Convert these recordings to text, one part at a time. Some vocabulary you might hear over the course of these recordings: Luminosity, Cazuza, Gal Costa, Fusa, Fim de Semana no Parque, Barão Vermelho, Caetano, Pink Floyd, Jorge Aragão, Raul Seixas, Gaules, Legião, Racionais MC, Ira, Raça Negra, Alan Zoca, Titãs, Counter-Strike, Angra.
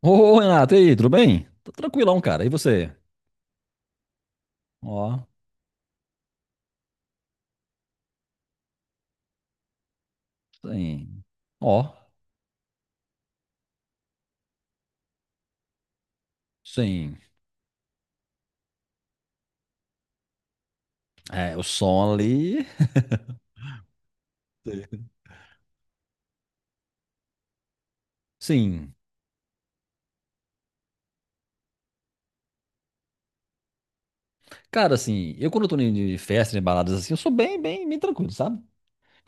Ô, Renato, e aí, tudo bem? Tô tranquilão, cara. E você? Ó, sim. Ó, sim. É, o som ali, sim. Cara, assim, eu quando eu tô em de festa, em baladas assim, eu sou bem, bem, bem tranquilo, sabe?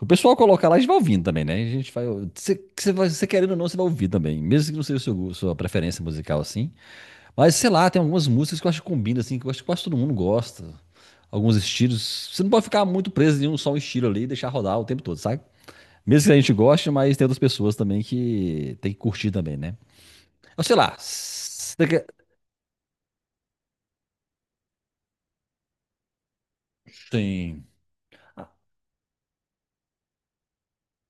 O pessoal coloca lá, a gente vai ouvindo também, né? A gente vai. Você querendo ou não, você vai ouvir também. Mesmo que não seja o sua preferência musical, assim. Mas, sei lá, tem algumas músicas que eu acho que combina, assim, que eu acho que quase todo mundo gosta. Alguns estilos. Você não pode ficar muito preso em um só estilo ali e deixar rodar o tempo todo, sabe? Mesmo que a gente goste, mas tem outras pessoas também que tem que curtir também, né? Eu sei lá. Sim.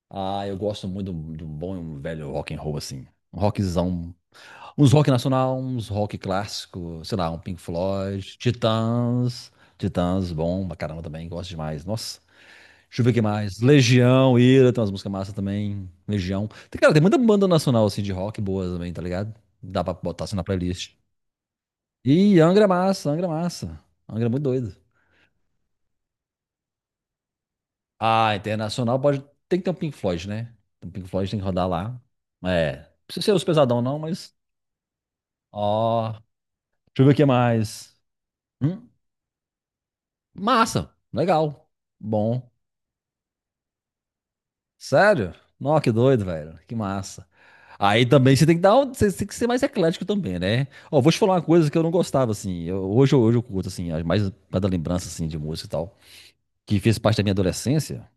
Ah, eu gosto muito do bom e um velho rock and roll, assim. Um rockzão. Uns rock nacional, uns rock clássico, sei lá, um Pink Floyd, Titãs. Titãs, bom pra caramba também, gosto demais. Nossa. Deixa eu ver o que mais. Legião, Ira, tem umas músicas massas também. Legião. Tem, cara, tem muita banda nacional, assim, de rock boas também, tá ligado? Dá pra botar assim na playlist. E Angra é massa, Angra é massa. Angra é muito doido. Ah, internacional pode. Tem que ter um Pink Floyd, né? Tem um Pink Floyd tem que rodar lá. É. Não precisa ser os pesadão, não, mas. Ó. Deixa eu ver o que mais. Hum, massa. Legal. Bom. Sério? Nossa, que doido, velho. Que massa. Aí também você tem que você tem que ser mais eclético também, né? Ó, vou te falar uma coisa que eu não gostava, assim. Hoje, hoje eu curto, assim, mais mais da lembrança, assim, de música e tal. Que fez parte da minha adolescência.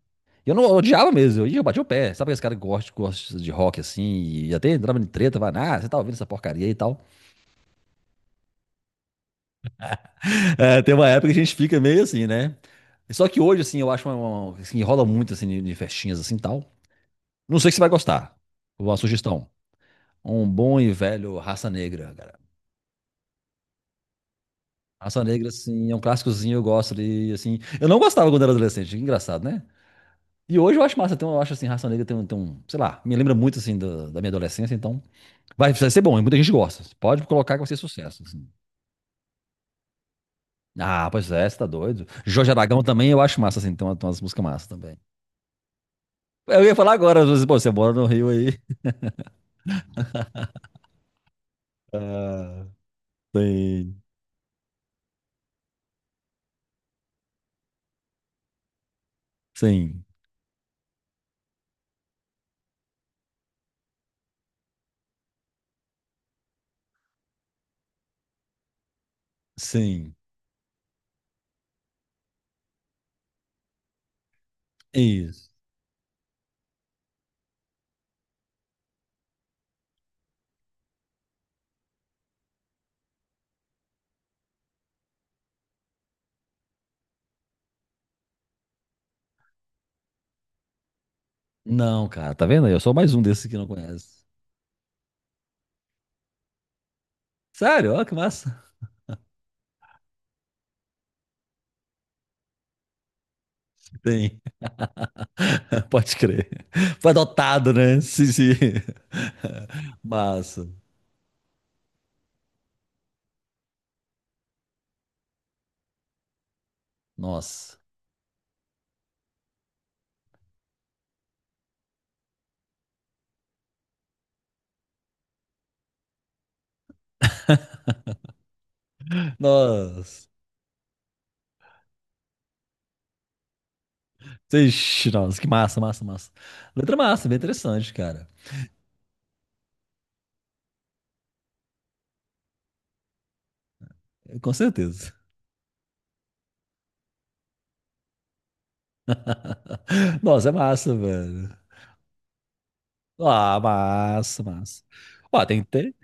E eu não eu odiava mesmo, eu ia, eu batia o pé. Sabe aqueles caras que gostam, gostam de rock assim, e até entrava em treta, vai, ah, você tá ouvindo essa porcaria aí e tal. É, tem uma época que a gente fica meio assim, né? Só que hoje, assim, eu acho uma assim, rola muito assim, de festinhas assim e tal. Não sei se você vai gostar. Uma sugestão. Um bom e velho Raça Negra, cara. Raça Negra, assim, é um clássicozinho, eu gosto de, assim. Eu não gostava quando era adolescente, que engraçado, né? E hoje eu acho massa, então eu acho assim, Raça Negra tem um, sei lá, me lembra muito assim da minha adolescência, então vai, vai ser bom, e muita gente gosta. Pode colocar que vai ser sucesso. Assim. Ah, pois é, você tá doido. Jorge Aragão também eu acho massa, assim, tem umas músicas massas também. Eu ia falar agora, às vezes, pô, você mora no Rio aí. Ah, sim, sim, sim. Isso. Não, cara, tá vendo aí? Eu sou mais um desses que não conhece. Sério, ó, que massa. Tem, pode crer. Foi adotado, né? Sim, sim. Massa. Nossa. Nossa. Ixi, nossa, que massa, massa, massa. Letra massa, bem interessante, cara. Com certeza. Nossa, é massa, velho. Ah, massa, massa. Ó, tem que ter.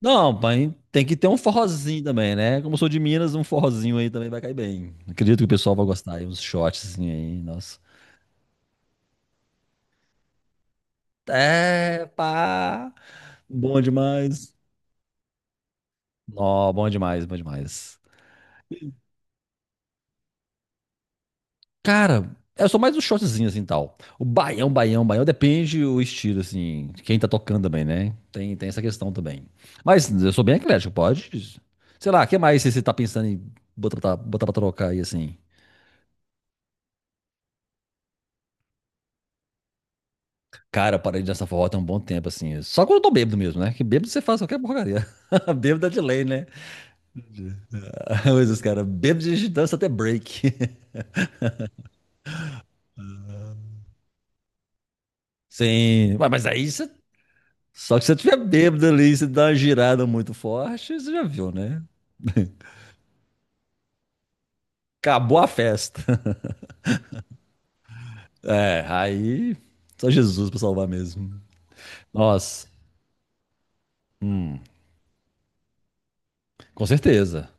Não, mas tem que ter um forrozinho também, né? Como eu sou de Minas, um forrozinho aí também vai cair bem. Acredito que o pessoal vai gostar aí, uns shots assim aí, nossa. É, pá! Bom demais. Nó, bom demais, bom demais. Cara, eu sou mais um shortzinho assim tal. O baião, baião, baião, depende o estilo, assim, de quem tá tocando também, né? Tem essa questão também. Mas eu sou bem eclético, pode. Sei lá, o que mais você tá pensando em botar, botar pra trocar aí, assim? Cara, eu parei de dançar forró tem um bom tempo, assim. Só quando eu tô bêbado mesmo, né? Que bêbado você faz qualquer porcaria. Bêbado é de lei, né? Mas os caras, bêbado a gente dança até break. Sim, ué, mas aí você. Só que se você tiver bêbado ali, você dá uma girada muito forte, você já viu, né? Acabou a festa. É, aí só Jesus pra salvar mesmo. Nossa, hum, com certeza.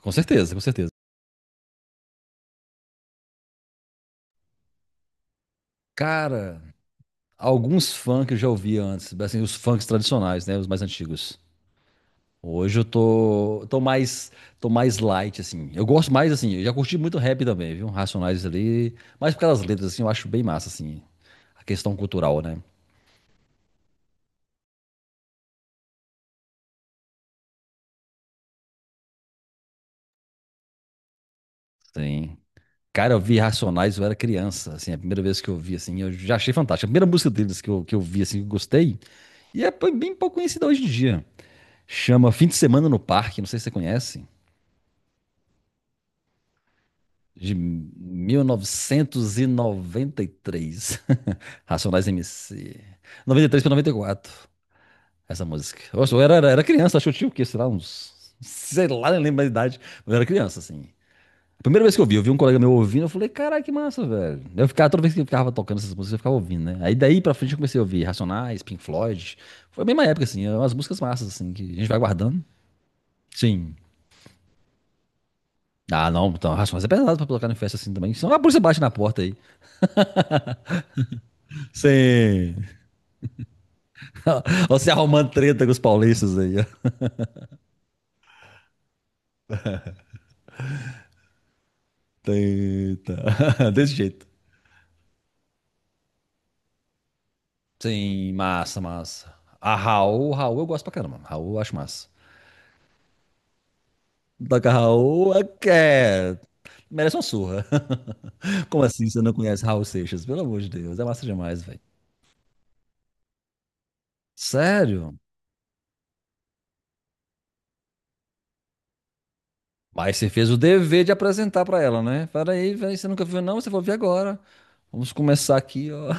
Com certeza, com certeza. Cara, alguns funk que eu já ouvi antes, assim, os funks tradicionais, né, os mais antigos. Hoje eu tô mais light assim. Eu gosto mais assim, eu já curti muito rap também, viu? Racionais ali, mas por causa das letras assim, eu acho bem massa assim, a questão cultural, né? Sim. Cara, eu vi Racionais, eu era criança, assim, a primeira vez que eu vi, assim, eu já achei fantástico. A primeira música deles que eu vi, assim, que eu gostei, e é bem pouco conhecida hoje em dia. Chama Fim de Semana no Parque, não sei se você conhece, de 1993. Racionais MC. 93 para 94, essa música. Nossa, eu era criança, acho que eu tinha o quê, sei lá, uns... Sei lá, nem lembro a idade, mas eu era criança, assim. A primeira vez que eu vi um colega meu ouvindo, eu falei, caralho, que massa, velho. Eu ficava, toda vez que eu ficava tocando essas músicas, eu ficava ouvindo, né? Aí daí pra frente eu comecei a ouvir Racionais, Pink Floyd. Foi a mesma época, assim, é umas músicas massas, assim, que a gente vai guardando. Sim. Ah, não, então, Racionais é pesado pra colocar em festa assim também. Senão a polícia bate na porta aí. Sim. Você arrumando treta com os paulistas aí, ó. Eita. Desse jeito. Sim, massa, massa. A Raul, Raul eu gosto pra caramba. Raul eu acho massa. Da Raul é, que é- merece uma surra. Como assim você não conhece Raul Seixas? Pelo amor de Deus, é massa demais, velho. Sério? Mas você fez o dever de apresentar pra ela, né? Fala aí, velho, você nunca viu, não? Você vai ver agora. Vamos começar aqui, ó.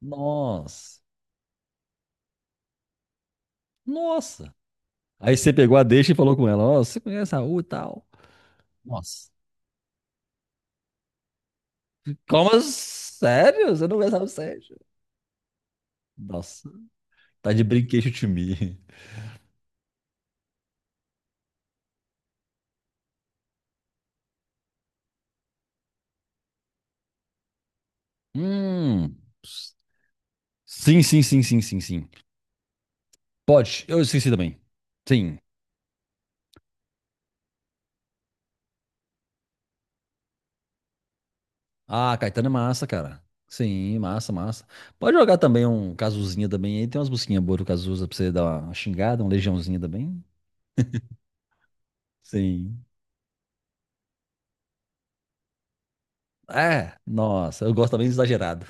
Nossa, nossa. Aí você pegou a deixa e falou com ela, ó, você conhece Raul e tal? Nossa. Como? Assim? Sério? Você não conhece Raul Seixas? Nossa, tá de brinquedo de mim. Hum. Sim, sim, sim, sim, sim, sim. Pode, eu esqueci também. Sim. Ah, Caetano é massa, cara. Sim, massa, massa. Pode jogar também um Cazuzinha também. Aí tem umas busquinhas, boas do Cazuza pra você dar uma xingada, um Legiãozinho também. Sim. É, nossa, eu gosto também do exagerado.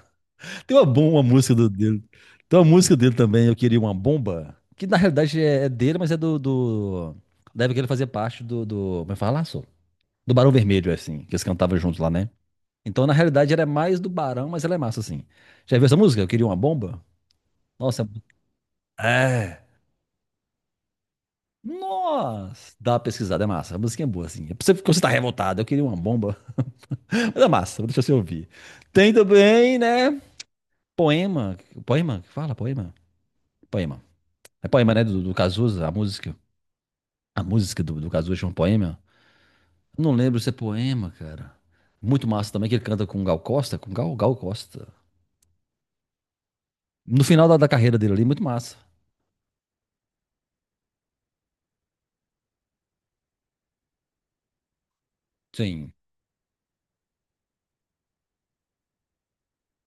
Tem uma bomba, uma música dele. Tem uma música dele também, Eu Queria Uma Bomba, que na realidade é, é dele, mas é do... Deve que ele fazia parte do... Como é que fala, só? Do Barão Vermelho, assim, que eles cantavam juntos lá, né? Então, na realidade, ela é mais do Barão, mas ela é massa, assim. Já viu essa música? Eu queria uma bomba? Nossa, é. Nossa, dá uma pesquisada, é massa. A musiquinha é boa, assim. É pra você, quando você tá revoltado, eu queria uma bomba. Mas é massa, deixa você ouvir. Tem também, né? Poema. Poema? Que fala, poema. Poema. É poema, né? Do Cazuza, a música. A música do Cazuza chama poema. Não lembro se é poema, cara. Muito massa também, que ele canta com o Gal Costa. Com o Gal, Gal Costa. No final da carreira dele ali, muito massa. Sim.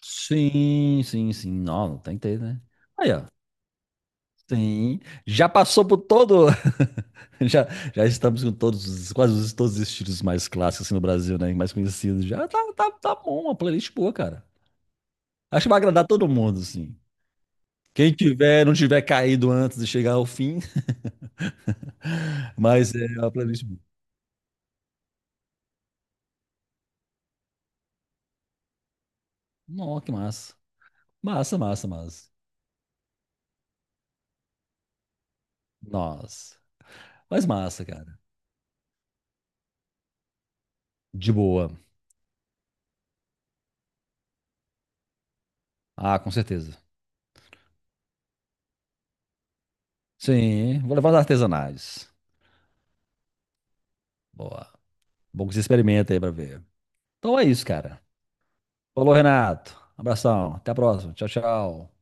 Sim, sim, sim. Não, não tem que ter, né? Aí, ó. Sim. Já passou por todo. Já, já estamos com todos, os- quase todos os estilos mais clássicos assim, no Brasil, né? Mais conhecidos. Já tá, tá, tá bom, uma playlist boa, cara. Acho que vai agradar todo mundo, assim. Quem tiver, não tiver caído antes de chegar ao fim, mas é uma playlist boa. Nossa, que massa. Massa, massa, massa. Nossa. Mas massa, cara. De boa. Ah, com certeza. Sim, vou levar os artesanais. Boa. Bom que você experimenta aí pra ver. Então é isso, cara. Falou, Renato. Abração. Até a próxima. Tchau, tchau.